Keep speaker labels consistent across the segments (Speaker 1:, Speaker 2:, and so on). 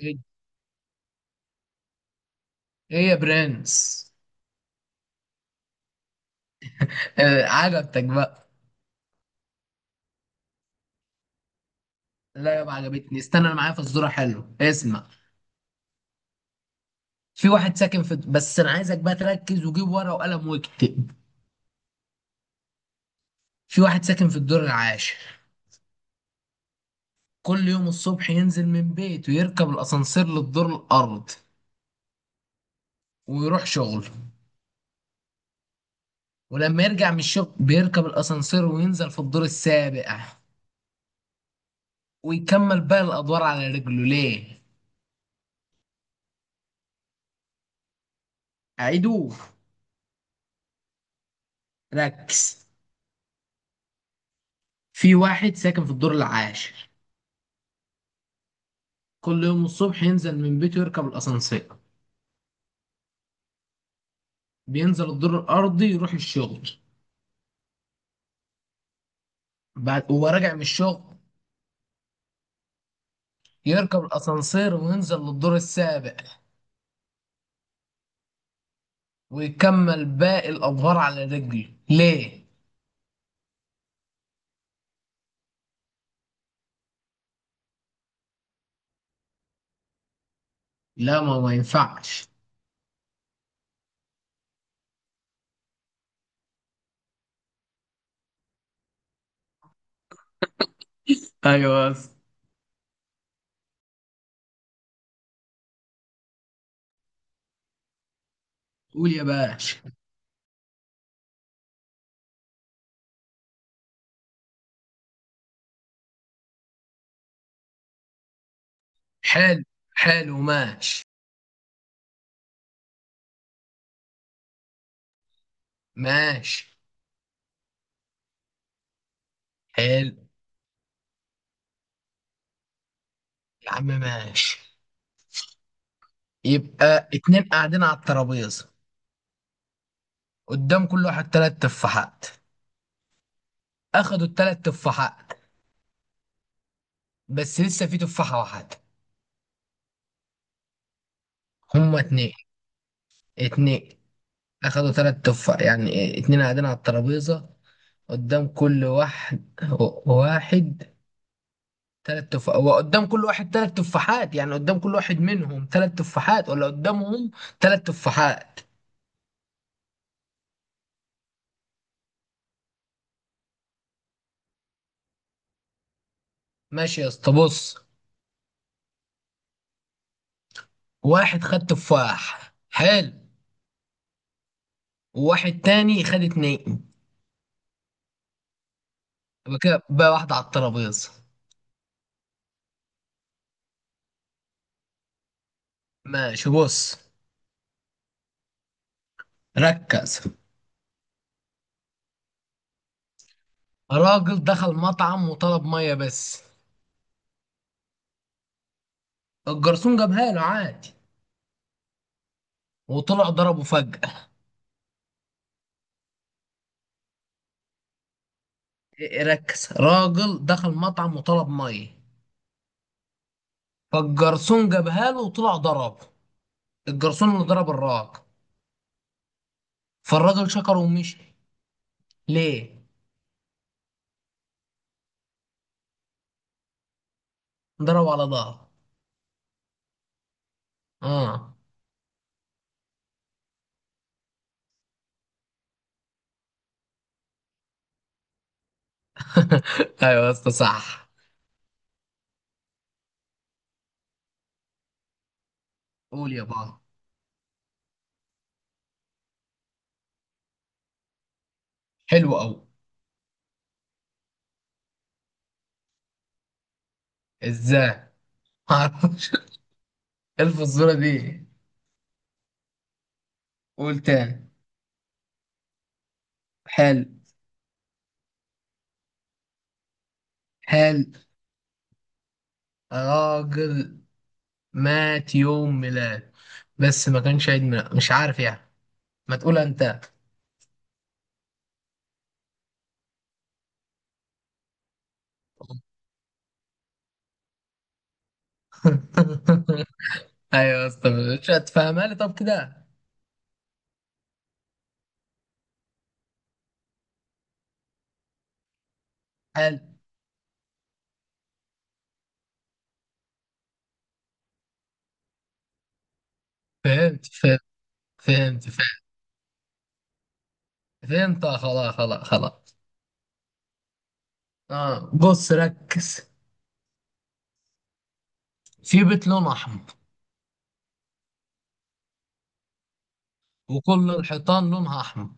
Speaker 1: ايه. إيه يا برنس. آه، عجبتك بقى؟ لا يابا، عجبتني. استنى، انا معايا في الصورة. حلو، اسمع. في واحد ساكن في بس انا عايزك بقى تركز وجيب ورقة وقلم واكتب. في واحد ساكن في الدور العاشر. كل يوم الصبح ينزل من بيته، يركب الاسانسير للدور الارض ويروح شغله. ولما يرجع من الشغل بيركب الاسانسير وينزل في الدور السابع، ويكمل باقي الادوار على رجله. ليه؟ اعيدوه. ركز. في واحد ساكن في الدور العاشر. كل يوم الصبح ينزل من بيته، يركب الأسانسير بينزل الدور الأرضي يروح الشغل. بعد وهو راجع من الشغل يركب الأسانسير وينزل للدور السابع، ويكمل باقي الأدوار على رجله. ليه؟ لا، ما ينفعش. ايوه بس. قول يا باشا. حلو. حلو ماشي. ماشي. حلو يا عم، ماشي. يبقى اتنين قاعدين على الترابيزة، قدام كل واحد تلات تفاحات. اخدوا التلات تفاحات، بس لسه في تفاحة واحدة. هما اتنين، اتنين اخدوا تلات تفاح يعني إيه، اتنين قاعدين على الترابيزة قدام كل واحد. واحد تلات تفاح، وقدام كل واحد تلات تفاحات، يعني قدام كل واحد منهم تلات تفاحات ولا قدامهم تلات تفاحات؟ ماشي يا اسطى، بص. واحد خد تفاح، حلو. وواحد تاني خد اتنين. يبقى كده بقى واحدة على الترابيزة. ماشي، بص. ركز. راجل دخل مطعم وطلب مية بس. الجرسون جابها له عادي، وطلع ضربه فجأة. إيه، ركز. راجل دخل مطعم وطلب مية، فالجرسون جابها له وطلع ضربه. الجرسون اللي ضرب الراجل، فالراجل شكره ومشي. ليه؟ ضربه على ظهره. اه. ايوه يا اسطى، صح. قول يا بابا. حلو قوي. ازاي؟ معرفش. الف الصورة دي. قول تاني. حلو. حلو. راجل مات يوم ميلاد، بس ما كانش عيد ميلاد، مش عارف يعني. ما تقول انت. ايوه يا اسطى، مش هتفهمها لي طب كده؟ حلو. فهمت، فهمت، فهمت، فهمت، فهمت. آه، خلاص، خلاص، خلاص. اه بص، ركز. في بيت لونه احمر، وكل الحيطان لونها احمر،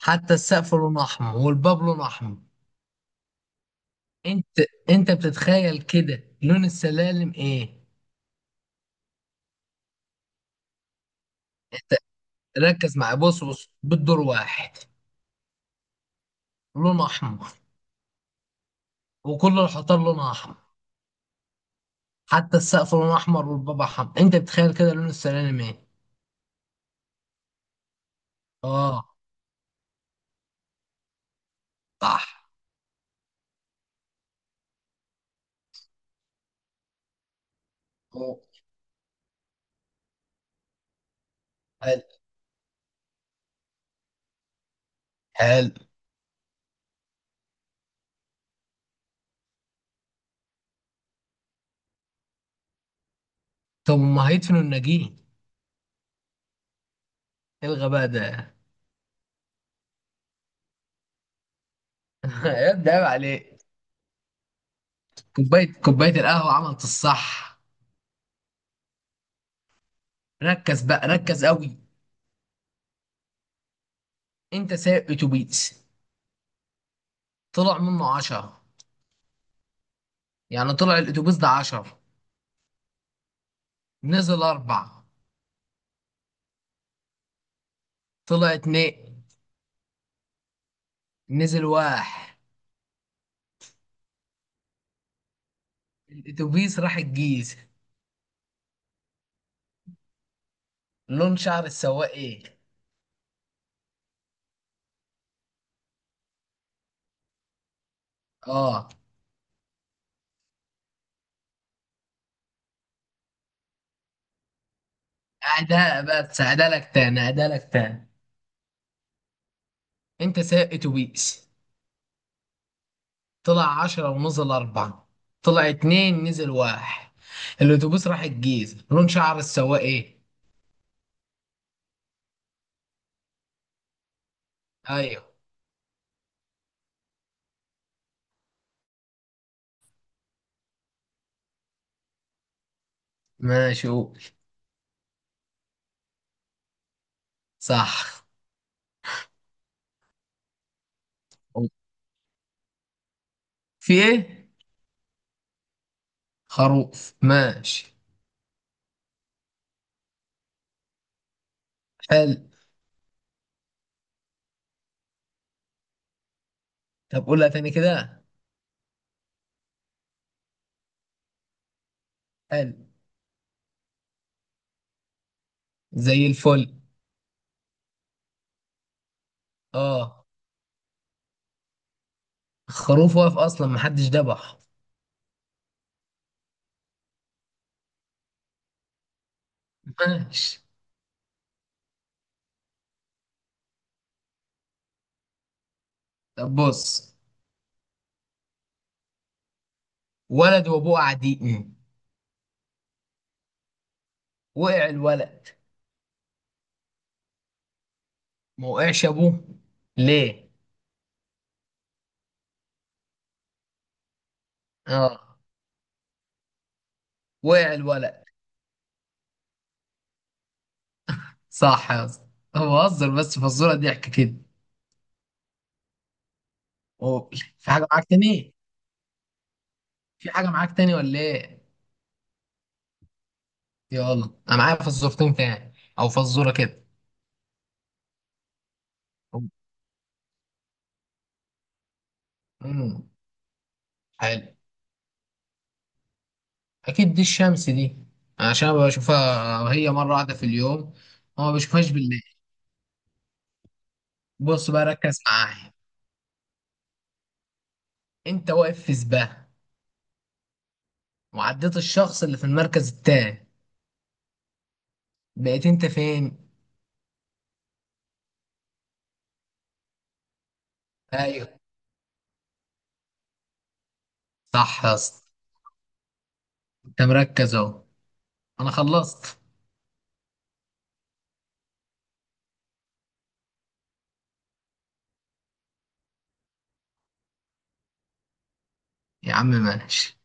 Speaker 1: حتى السقف لونه احمر، والباب لونه احمر. انت انت بتتخيل كده لون السلالم ايه؟ انت ركز معايا، بص بص. بالدور واحد لونه احمر، وكل الحيطان لونها احمر، حتى السقف لونه احمر، والبابا حم. انت بتخيل كده لون السلالم ايه؟ اه، صح. أوه. حلو. حلو. طب ما هيدفنوا الناجين، ايه الغباء ده؟ يا ابني عيب عليك. كوبايه القهوه عملت الصح. ركز بقى، ركز قوي. انت سايق اتوبيس، طلع منه 10، يعني طلع الاتوبيس ده 10. نزل اربعة، طلع اتنين، نزل واحد. الاتوبيس راح الجيزه، لون شعر السواق ايه؟ اه. أداء بس أدالك تاني، أدالك تاني. أنت سايق أتوبيس، طلع 10 ونزل أربعة، طلع اتنين نزل واحد. الأتوبيس راح الجيزة، لون شعر السواق إيه؟ أيوه. ماشي، قول. صح. في إيه؟ خروف، ماشي. حلو. طب قولها تاني كده. حلو. زي الفل. آه، خروف واقف أصلا محدش دبح. ماشي. طب بص، ولد وأبوه قاعدين، وقع الولد ما وقعش ابوه، ليه؟ اه، وقع الولد. صح يا اسطى، أنا بهزر، بس فزوره ضحك كده. أوه. في حاجه معاك تاني؟ في حاجه معاك تاني ولا ايه؟ يلا، انا معايا فزورتين تاني او فزوره كده. امم حلو. اكيد دي الشمس دي، عشان أنا بشوفها هي مره واحده في اليوم، وما بشوفهاش بالليل. بص بقى، ركز معايا. انت واقف في سباق، وعديت الشخص اللي في المركز التاني، بقيت انت فين؟ ايوه، صح يا اسطى، انت مركز اهو. انا خلصت. يا عم ماشي.